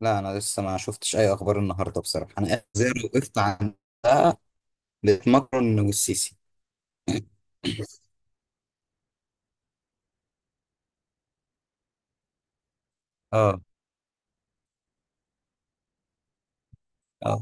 لا، انا لسه ما شفتش اي اخبار النهارده بصراحه. انا قاعد زي ما وقفت عندها، لماكرون والسيسي. اه. اه.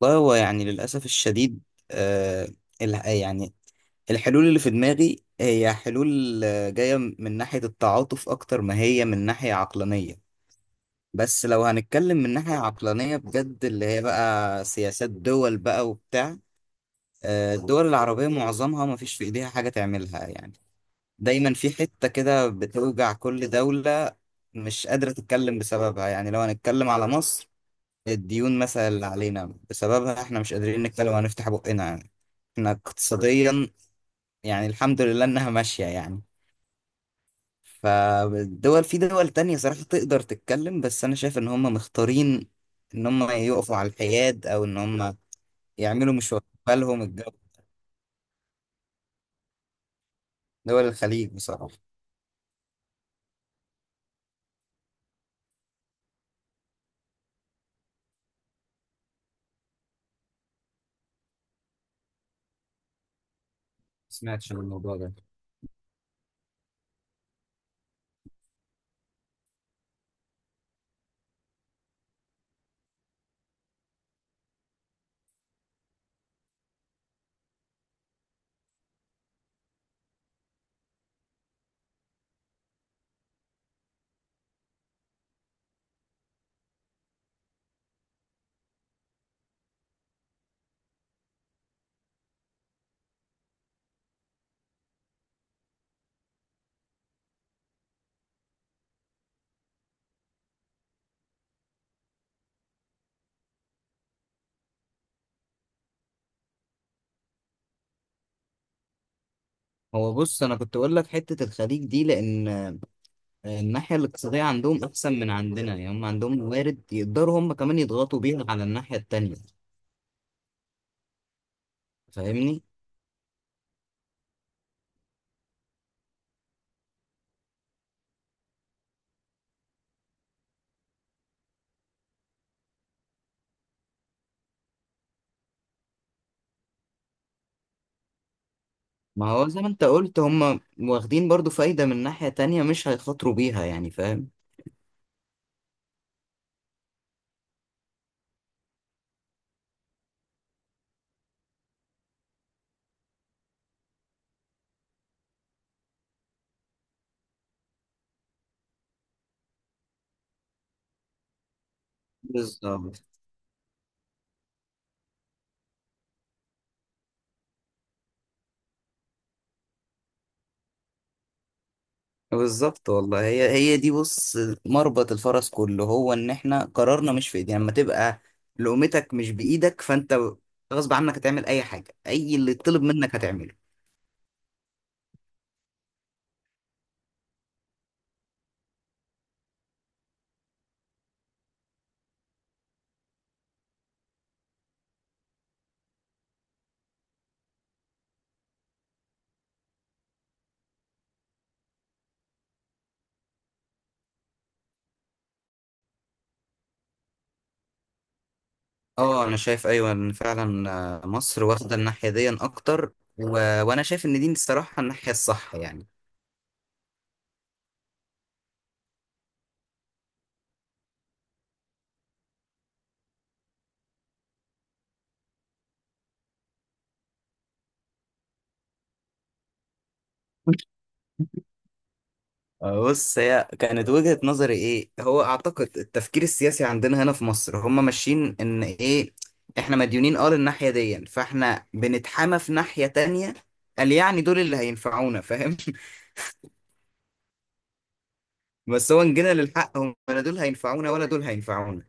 والله، هو يعني للاسف الشديد. آه يعني الحلول اللي في دماغي هي حلول، جايه من ناحيه التعاطف اكتر ما هي من ناحيه عقلانيه. بس لو هنتكلم من ناحيه عقلانيه بجد، اللي هي بقى سياسات دول بقى وبتاع. الدول العربيه معظمها ما فيش في ايديها حاجه تعملها يعني. دايما في حتة كده بتوجع كل دولة، مش قادرة تتكلم بسببها. يعني لو هنتكلم على مصر، الديون مثلا اللي علينا بسببها احنا مش قادرين نتكلم وهنفتح بقنا، يعني احنا اقتصاديا، يعني الحمد لله انها ماشية يعني. فالدول، في دول تانية صراحة تقدر تتكلم، بس انا شايف ان هم مختارين ان هم يقفوا على الحياد، او ان هم يعملوا مش واخدين بالهم الجو. دول الخليج بصراحة، ما سمعتش عن الموضوع ده. هو بص، انا كنت اقول لك حته الخليج دي لان الناحية الاقتصادية عندهم أحسن من عندنا، يعني هم عندهم موارد يقدروا هم كمان يضغطوا بيها على الناحية التانية. فاهمني؟ ما هو زي ما أنت قلت، هم واخدين برضو فايدة من ناحية تانية مش هيخاطروا بيها يعني، فاهم؟ بالظبط. بالظبط، والله هي دي بص، مربط الفرس كله هو إن إحنا قرارنا مش في إيدينا. لما تبقى لقمتك مش بإيدك، فأنت غصب عنك هتعمل أي حاجة، أي اللي يطلب منك هتعمله. اه، انا شايف، ايوه، ان فعلا مصر واخده الناحيه دي اكتر و... وانا شايف ان دي الصراحه الناحيه الصح يعني. بص، هي كانت وجهة نظري ايه، هو اعتقد التفكير السياسي عندنا هنا في مصر هم ماشيين ان ايه. احنا مديونين، اه، للناحية دي، فاحنا بنتحامى في ناحية تانية، قال يعني دول اللي هينفعونا، فاهم؟ بس هو ان جينا للحق، هم لا دول هينفعونا ولا دول هينفعونا.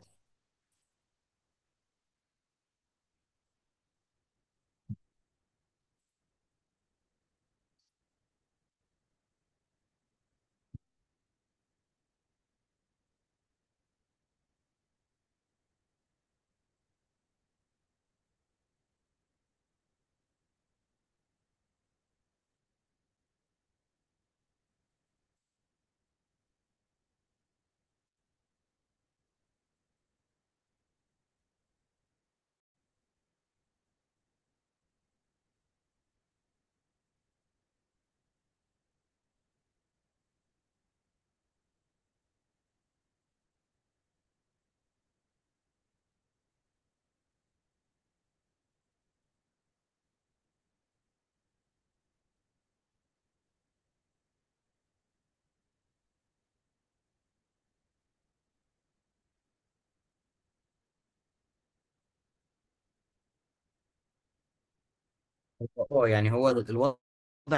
اه، يعني هو الوضع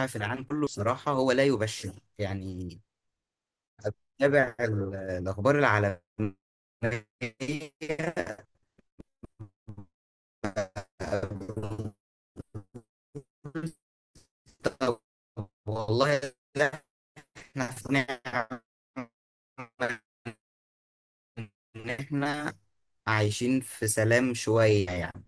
في العالم كله صراحة هو لا يبشر يعني. أتابع الأخبار العالمية. طب، والله لا، احنا في نعمة إن احنا عايشين في سلام شوية يعني.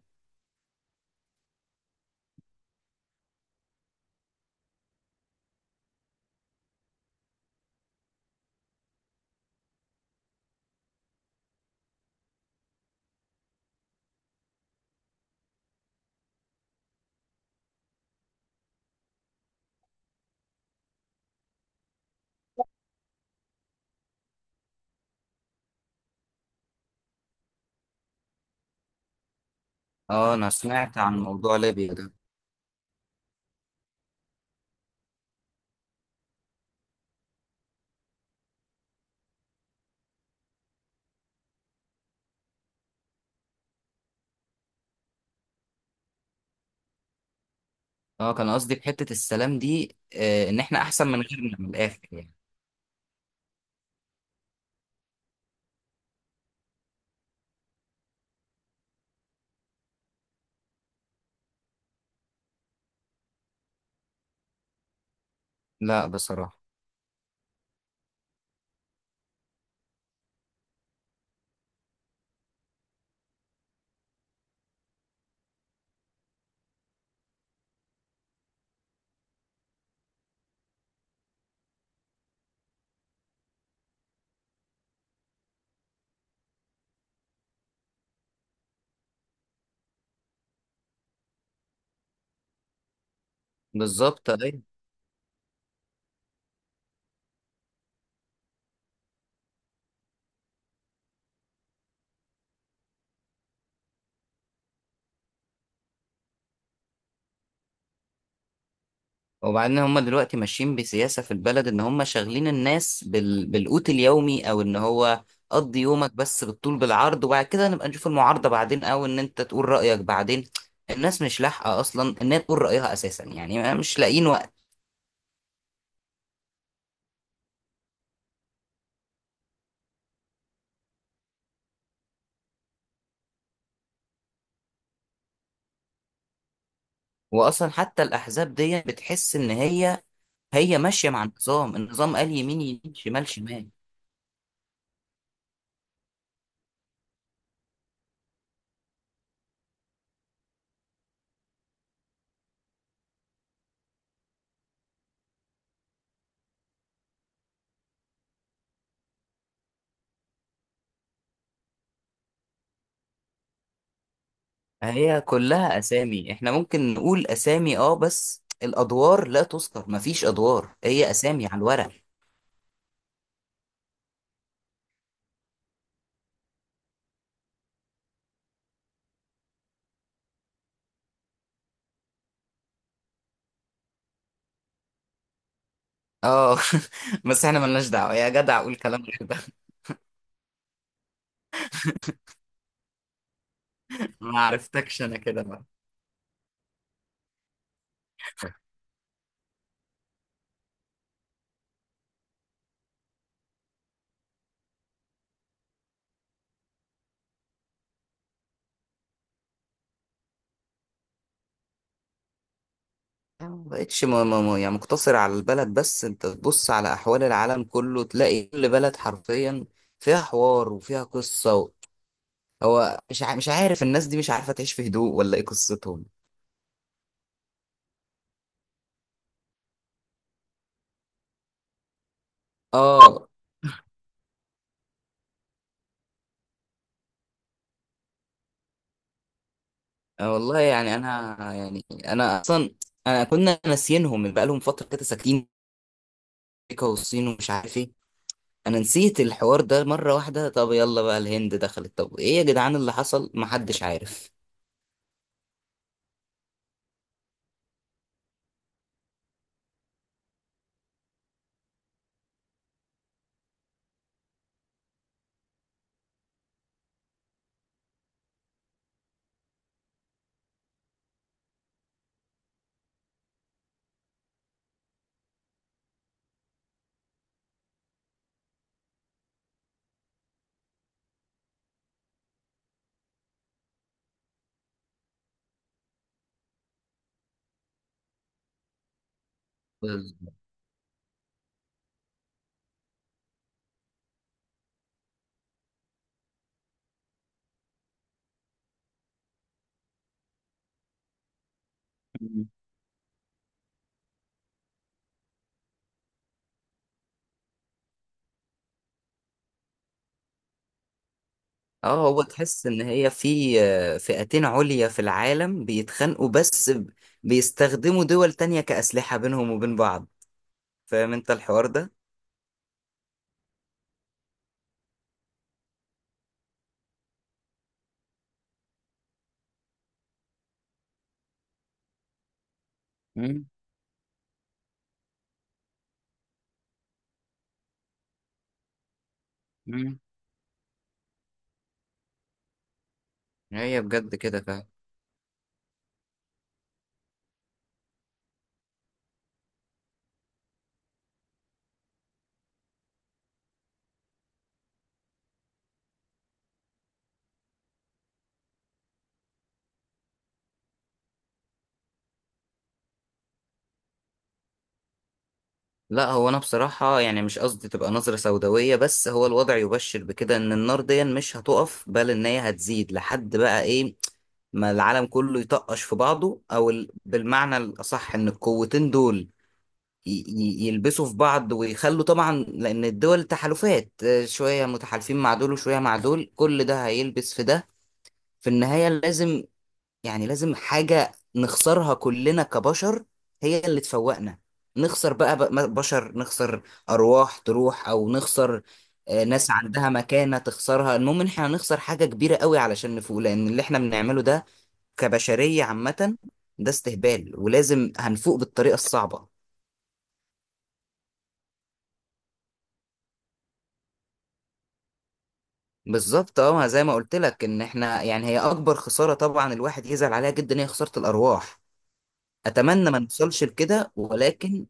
اه، انا سمعت عن موضوع ليبيا ده. اه، كان قصدي بحتة السلام دي، ان احنا احسن من غيرنا، من الاخر يعني. لا، بصراحة. بالظبط، أيوة. وبعدين هم دلوقتي ماشيين بسياسة في البلد، ان هم شاغلين الناس بالقوت اليومي، او ان هو قضي يومك بس بالطول بالعرض، وبعد كده نبقى نشوف المعارضة بعدين، او ان انت تقول رأيك بعدين. الناس مش لاحقة اصلا انها تقول رأيها اساسا، يعني مش لاقيين وقت. واصلا حتى الاحزاب دي بتحس ان هي ماشية مع النظام. النظام قال يمين يمين، شمال شمال. هي كلها اسامي، احنا ممكن نقول اسامي اه، بس الادوار لا تذكر، مفيش ادوار، هي اسامي على الورق. اه. بس احنا ملناش دعوة يا جدع، قول كلام غير ده. ما عرفتكش انا كده بقى. ما بقتش يعني مقتصر على البلد بس، انت تبص على احوال العالم كله، تلاقي كل بلد حرفيا فيها حوار وفيها قصة. هو مش عارف الناس دي مش عارفة تعيش في هدوء، ولا ايه قصتهم؟ اه. والله يعني، انا يعني انا اصلا كنا ناسيينهم بقى، لهم فترة كده ساكتين، امريكا والصين ومش عارف ايه. انا نسيت الحوار ده مرة واحدة. طب يلا بقى الهند دخلت، طب ايه يا جدعان اللي حصل؟ محدش عارف. بس- اه، هو تحس ان هي في فئتين عليا في العالم بيتخانقوا، بس بيستخدموا دول تانية كأسلحة بينهم وبين بعض، فاهم انت الحوار ده؟ مم. مم. هي بجد كده فعلا. لا، هو انا بصراحة، يعني مش قصدي تبقى نظرة سوداوية، بس هو الوضع يبشر بكده، ان النار دي مش هتقف بل ان هي هتزيد لحد بقى ايه؟ ما العالم كله يطقش في بعضه، او بالمعنى الاصح ان القوتين دول يلبسوا في بعض ويخلوا طبعا، لان الدول تحالفات، شوية متحالفين مع دول وشوية مع دول، كل ده هيلبس في ده. في النهاية لازم، يعني لازم حاجة نخسرها كلنا كبشر، هي اللي تفوقنا. نخسر بقى بشر، نخسر أرواح تروح، أو نخسر ناس عندها مكانة تخسرها. المهم إن إحنا هنخسر حاجة كبيرة قوي علشان نفوق، لأن اللي إحنا بنعمله ده كبشرية عامة ده استهبال، ولازم هنفوق بالطريقة الصعبة. بالظبط، اه، ما زي ما قلت لك ان احنا، يعني هي اكبر خسارة طبعا الواحد يزعل عليها جدا، هي خسارة الارواح. اتمنى ما نوصلش لكده ولكن.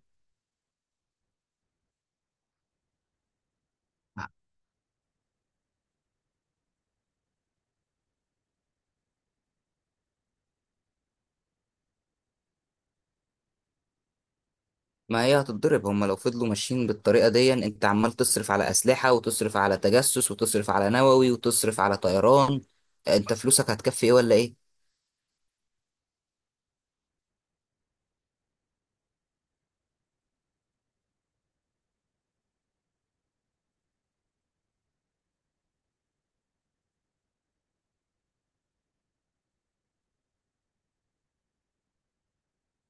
ما هي هتتضرب، هما لو فضلوا ماشيين بالطريقة دي، انت عمال تصرف على أسلحة وتصرف على تجسس وتصرف على نووي وتصرف على طيران، انت فلوسك هتكفي ايه ولا ايه؟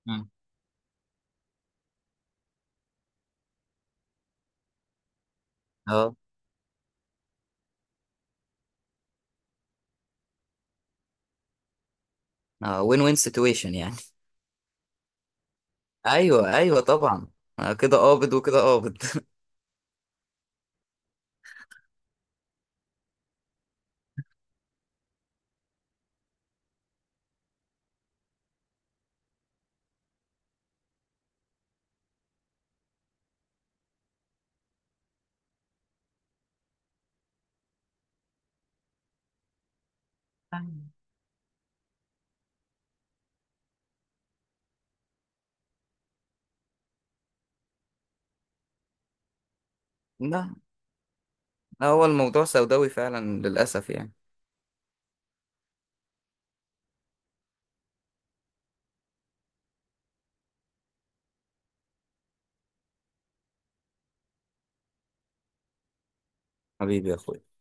مم. اه. اه. وين وين سيتويشن يعني. ايوه ايوه طبعا. كده قابض وكده قابض. لا، هو الموضوع سوداوي فعلا للأسف يعني. حبيبي يا اخويا.